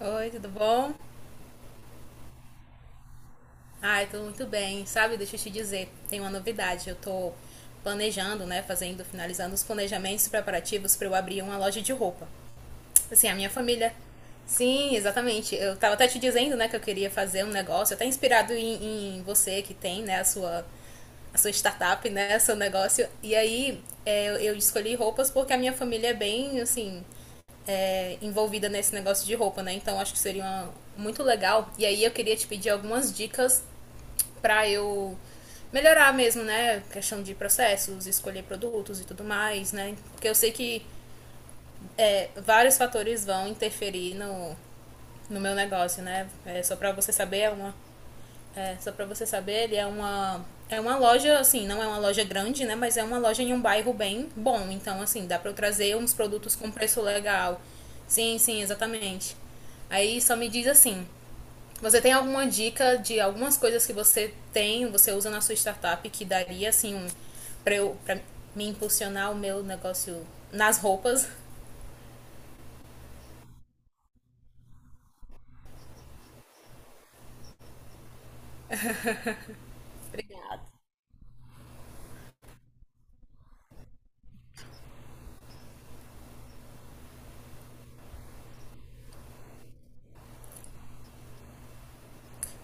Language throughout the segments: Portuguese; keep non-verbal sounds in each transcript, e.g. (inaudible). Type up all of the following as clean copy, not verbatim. Oi, tudo bom? Ai, tudo muito bem. Sabe, deixa eu te dizer, tem uma novidade. Eu tô planejando, né, fazendo, finalizando os planejamentos preparativos para eu abrir uma loja de roupa. Assim, a minha família. Sim, exatamente. Eu tava até te dizendo, né, que eu queria fazer um negócio, até inspirado em você que tem, né, a sua startup, né, seu negócio. E aí é, eu escolhi roupas porque a minha família é bem, assim, é, envolvida nesse negócio de roupa, né? Então acho que seria uma- muito legal. E aí eu queria te pedir algumas dicas pra eu melhorar mesmo, né? Questão de processos, escolher produtos e tudo mais, né? Porque eu sei que vários fatores vão interferir no meu negócio, né? É, só para você saber, é uma, é, só para você saber, ele é uma loja, assim, não é uma loja grande, né? Mas é uma loja em um bairro bem bom. Então, assim, dá pra eu trazer uns produtos com preço legal. Sim, sim, exatamente. Aí só me diz assim: você tem alguma dica de algumas coisas que você tem, você usa na sua startup que daria, assim, um, pra, eu, pra me impulsionar o meu negócio nas roupas?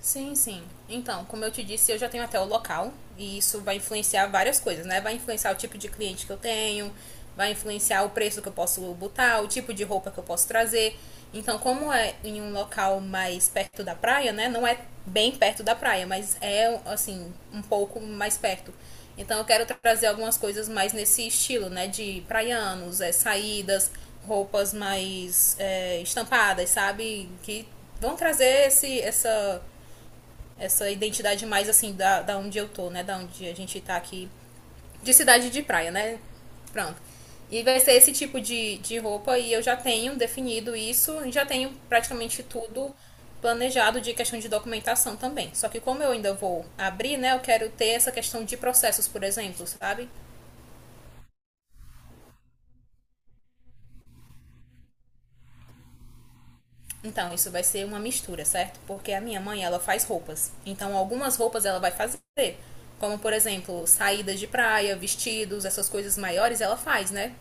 Sim, sim. Então, como eu te disse, eu já tenho até o local e isso vai influenciar várias coisas, né? Vai influenciar o tipo de cliente que eu tenho, vai influenciar o preço que eu posso botar, o tipo de roupa que eu posso trazer. Então, como é em um local mais perto da praia, né? Não é bem perto da praia, mas é assim, um pouco mais perto. Então, eu quero trazer algumas coisas mais nesse estilo, né? De praianos, é, saídas, roupas mais é, estampadas, sabe? Que vão trazer esse, essa essa identidade mais assim da, da onde eu tô, né? Da onde a gente tá aqui. De cidade de praia, né? Pronto. E vai ser esse tipo de roupa e eu já tenho definido isso, já tenho praticamente tudo planejado de questão de documentação também. Só que como eu ainda vou abrir, né, eu quero ter essa questão de processos, por exemplo, sabe? Então, isso vai ser uma mistura, certo? Porque a minha mãe, ela faz roupas. Então, algumas roupas ela vai fazer, como por exemplo, saídas de praia, vestidos, essas coisas maiores ela faz, né?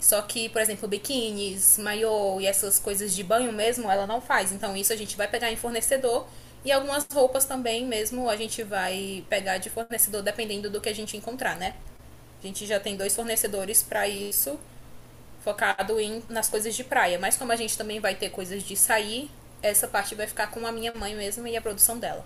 Só que, por exemplo, biquínis, maiô e essas coisas de banho mesmo, ela não faz. Então, isso a gente vai pegar em fornecedor. E algumas roupas também mesmo a gente vai pegar de fornecedor, dependendo do que a gente encontrar, né? A gente já tem dois fornecedores para isso, focado em, nas coisas de praia. Mas como a gente também vai ter coisas de sair, essa parte vai ficar com a minha mãe mesmo e a produção dela.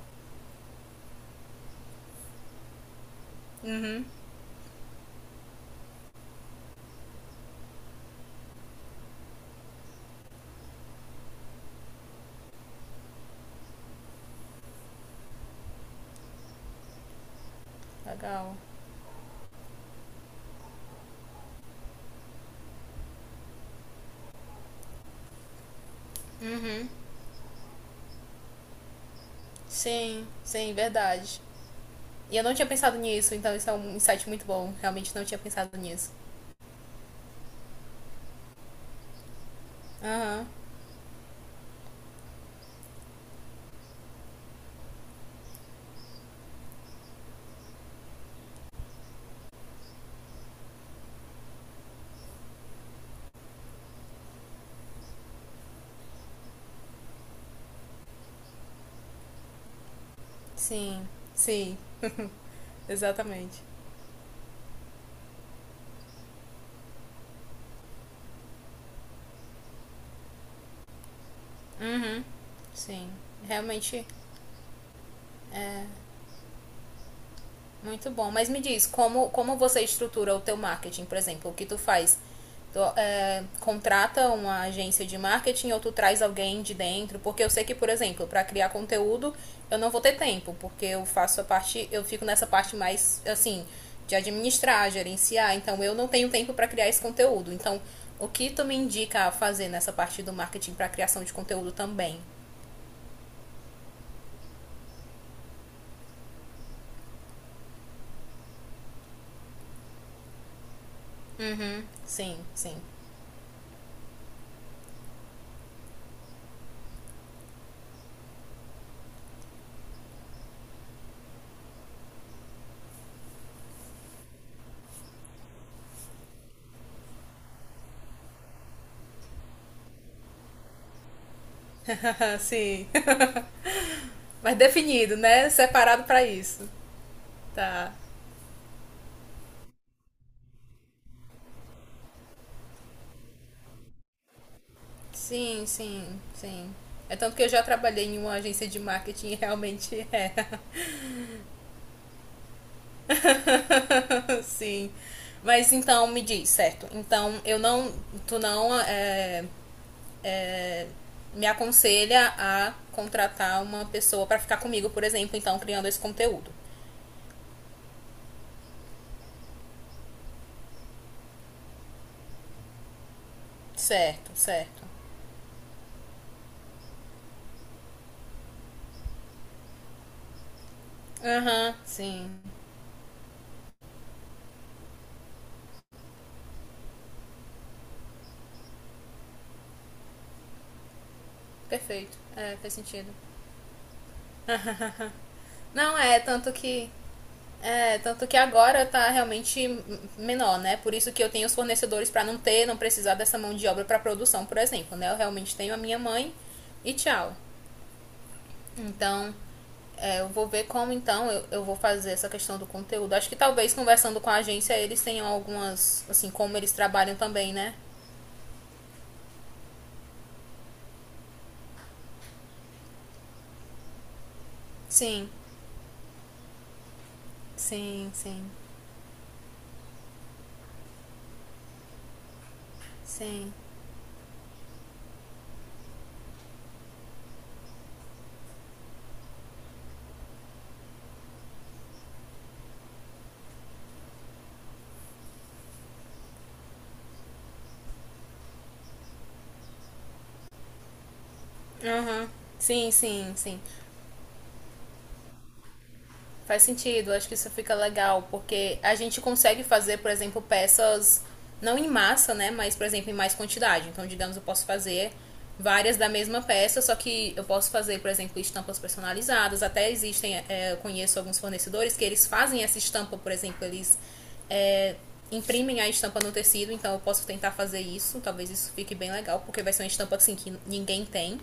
Legal. Uhum. Sim, sim, verdade. E eu não tinha pensado nisso, então isso é um insight muito bom. Realmente não tinha pensado nisso. Aham. Sim, sim, exatamente. Sim, realmente muito bom. Mas me diz, como, como você estrutura o teu marketing, por exemplo, o que tu faz? Tu, é, contrata uma agência de marketing ou tu traz alguém de dentro? Porque eu sei que, por exemplo, para criar conteúdo, eu não vou ter tempo, porque eu faço a parte, eu fico nessa parte mais assim, de administrar, gerenciar, então eu não tenho tempo para criar esse conteúdo. Então, o que tu me indica a fazer nessa parte do marketing para criação de conteúdo também? Sim, sim. Ah, sim. (laughs) Mas definido, né? Separado para isso. Tá. Sim, sim, sim. É tanto que eu já trabalhei em uma agência de marketing e realmente é, (laughs) sim. Mas então me diz, certo? Então eu não, tu não é, me aconselha a contratar uma pessoa para ficar comigo, por exemplo, então criando esse conteúdo. Certo, certo. Aham, sim. Perfeito. É, faz sentido. Não, é, tanto que. É, tanto que agora tá realmente menor, né? Por isso que eu tenho os fornecedores para não ter, não precisar dessa mão de obra para produção, por exemplo, né? Eu realmente tenho a minha mãe e tchau. Então, é, eu vou ver como então eu vou fazer essa questão do conteúdo. Acho que talvez conversando com a agência eles tenham algumas, assim, como eles trabalham também, né? Sim, sim, sim, sim. Aham. Sim, sim, sim. Faz sentido, acho que isso fica legal, porque a gente consegue fazer, por exemplo, peças não em massa, né? Mas, por exemplo, em mais quantidade. Então, digamos, eu posso fazer várias da mesma peça, só que eu posso fazer, por exemplo, estampas personalizadas. Até existem, é, é, eu conheço alguns fornecedores que eles fazem essa estampa, por exemplo, eles é, imprimem a estampa no tecido, então eu posso tentar fazer isso. Talvez isso fique bem legal, porque vai ser uma estampa assim que ninguém tem.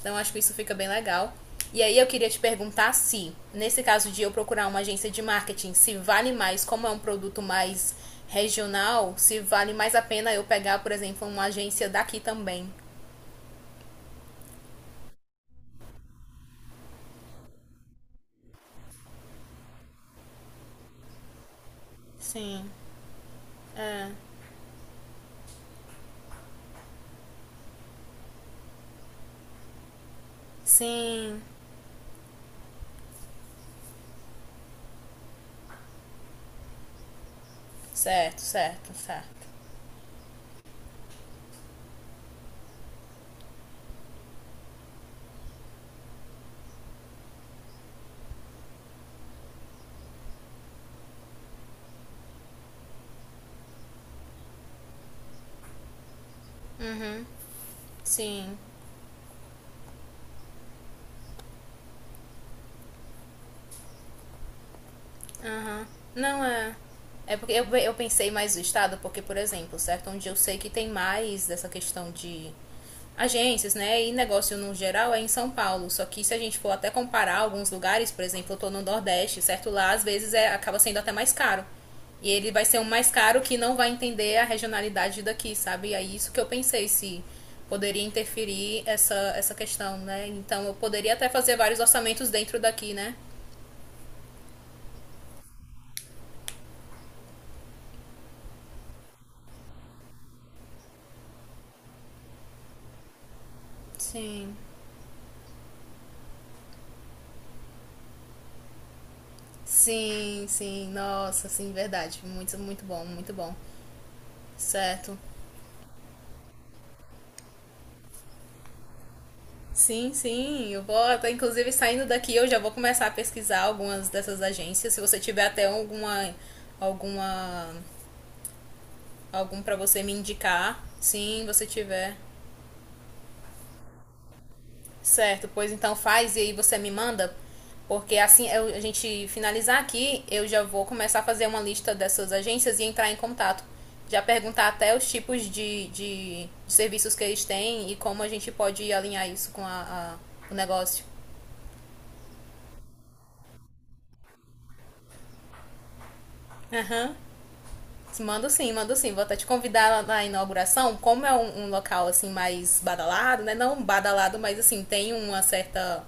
Então acho que isso fica bem legal. E aí eu queria te perguntar se, nesse caso de eu procurar uma agência de marketing, se vale mais, como é um produto mais regional, se vale mais a pena eu pegar, por exemplo, uma agência daqui também. Sim. Sim. Certo, certo, certo. Sim. Aham. Não é. É porque eu pensei mais no estado, porque, por exemplo, certo? Onde eu sei que tem mais dessa questão de agências, né? E negócio no geral é em São Paulo. Só que se a gente for até comparar alguns lugares, por exemplo, eu tô no Nordeste, certo? Lá às vezes é, acaba sendo até mais caro. E ele vai ser um mais caro que não vai entender a regionalidade daqui, sabe? E é isso que eu pensei, se poderia interferir essa, essa questão, né? Então eu poderia até fazer vários orçamentos dentro daqui, né? Sim. Sim, sim, nossa, sim, verdade. Muito, muito bom, muito bom. Certo. Sim, sim, eu vou até, inclusive, saindo daqui, eu já vou começar a pesquisar algumas dessas agências. Se você tiver até alguma, alguma, algum para você me indicar, sim, você tiver. Certo, pois então faz e aí você me manda, porque assim eu- a gente finalizar aqui, eu já vou começar a fazer uma lista dessas agências e entrar em contato. Já perguntar até os tipos de serviços que eles têm e como a gente pode alinhar isso com a- o negócio. Aham. Mando sim, mando sim. Vou até te convidar na inauguração. Como é um, um local assim mais badalado, né? Não badalado, mas assim, tem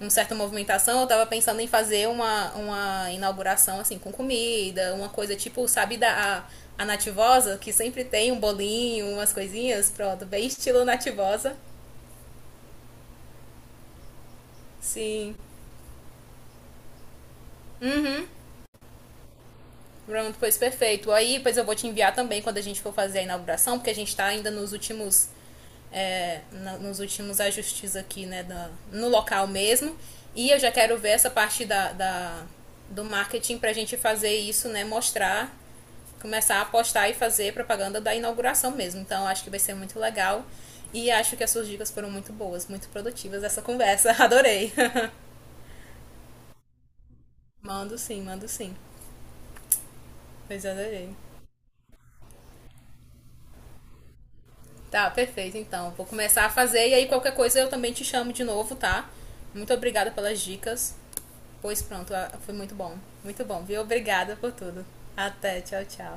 uma certa movimentação. Eu tava pensando em fazer uma inauguração assim com comida, uma coisa tipo, sabe, da a nativosa, que sempre tem um bolinho, umas coisinhas, pronto, bem estilo nativosa. Sim. Pronto, pois perfeito. Aí depois eu vou te enviar também quando a gente for fazer a inauguração, porque a gente está ainda nos últimos é, na- nos últimos ajustes aqui, né, da- no local mesmo. E eu já quero ver essa parte da, da- do marketing para a gente fazer isso, né, mostrar, começar a apostar e fazer propaganda da inauguração mesmo. Então acho que vai ser muito legal. E acho que as suas dicas foram muito boas, muito produtivas essa conversa. Adorei. (laughs) mando sim, mando sim. Pois adorei. Tá, perfeito. Então, vou começar a fazer e aí qualquer coisa eu também te chamo de novo, tá? Muito obrigada pelas dicas. Pois pronto, ah, foi muito bom. Muito bom, viu? Obrigada por tudo. Até, tchau, tchau.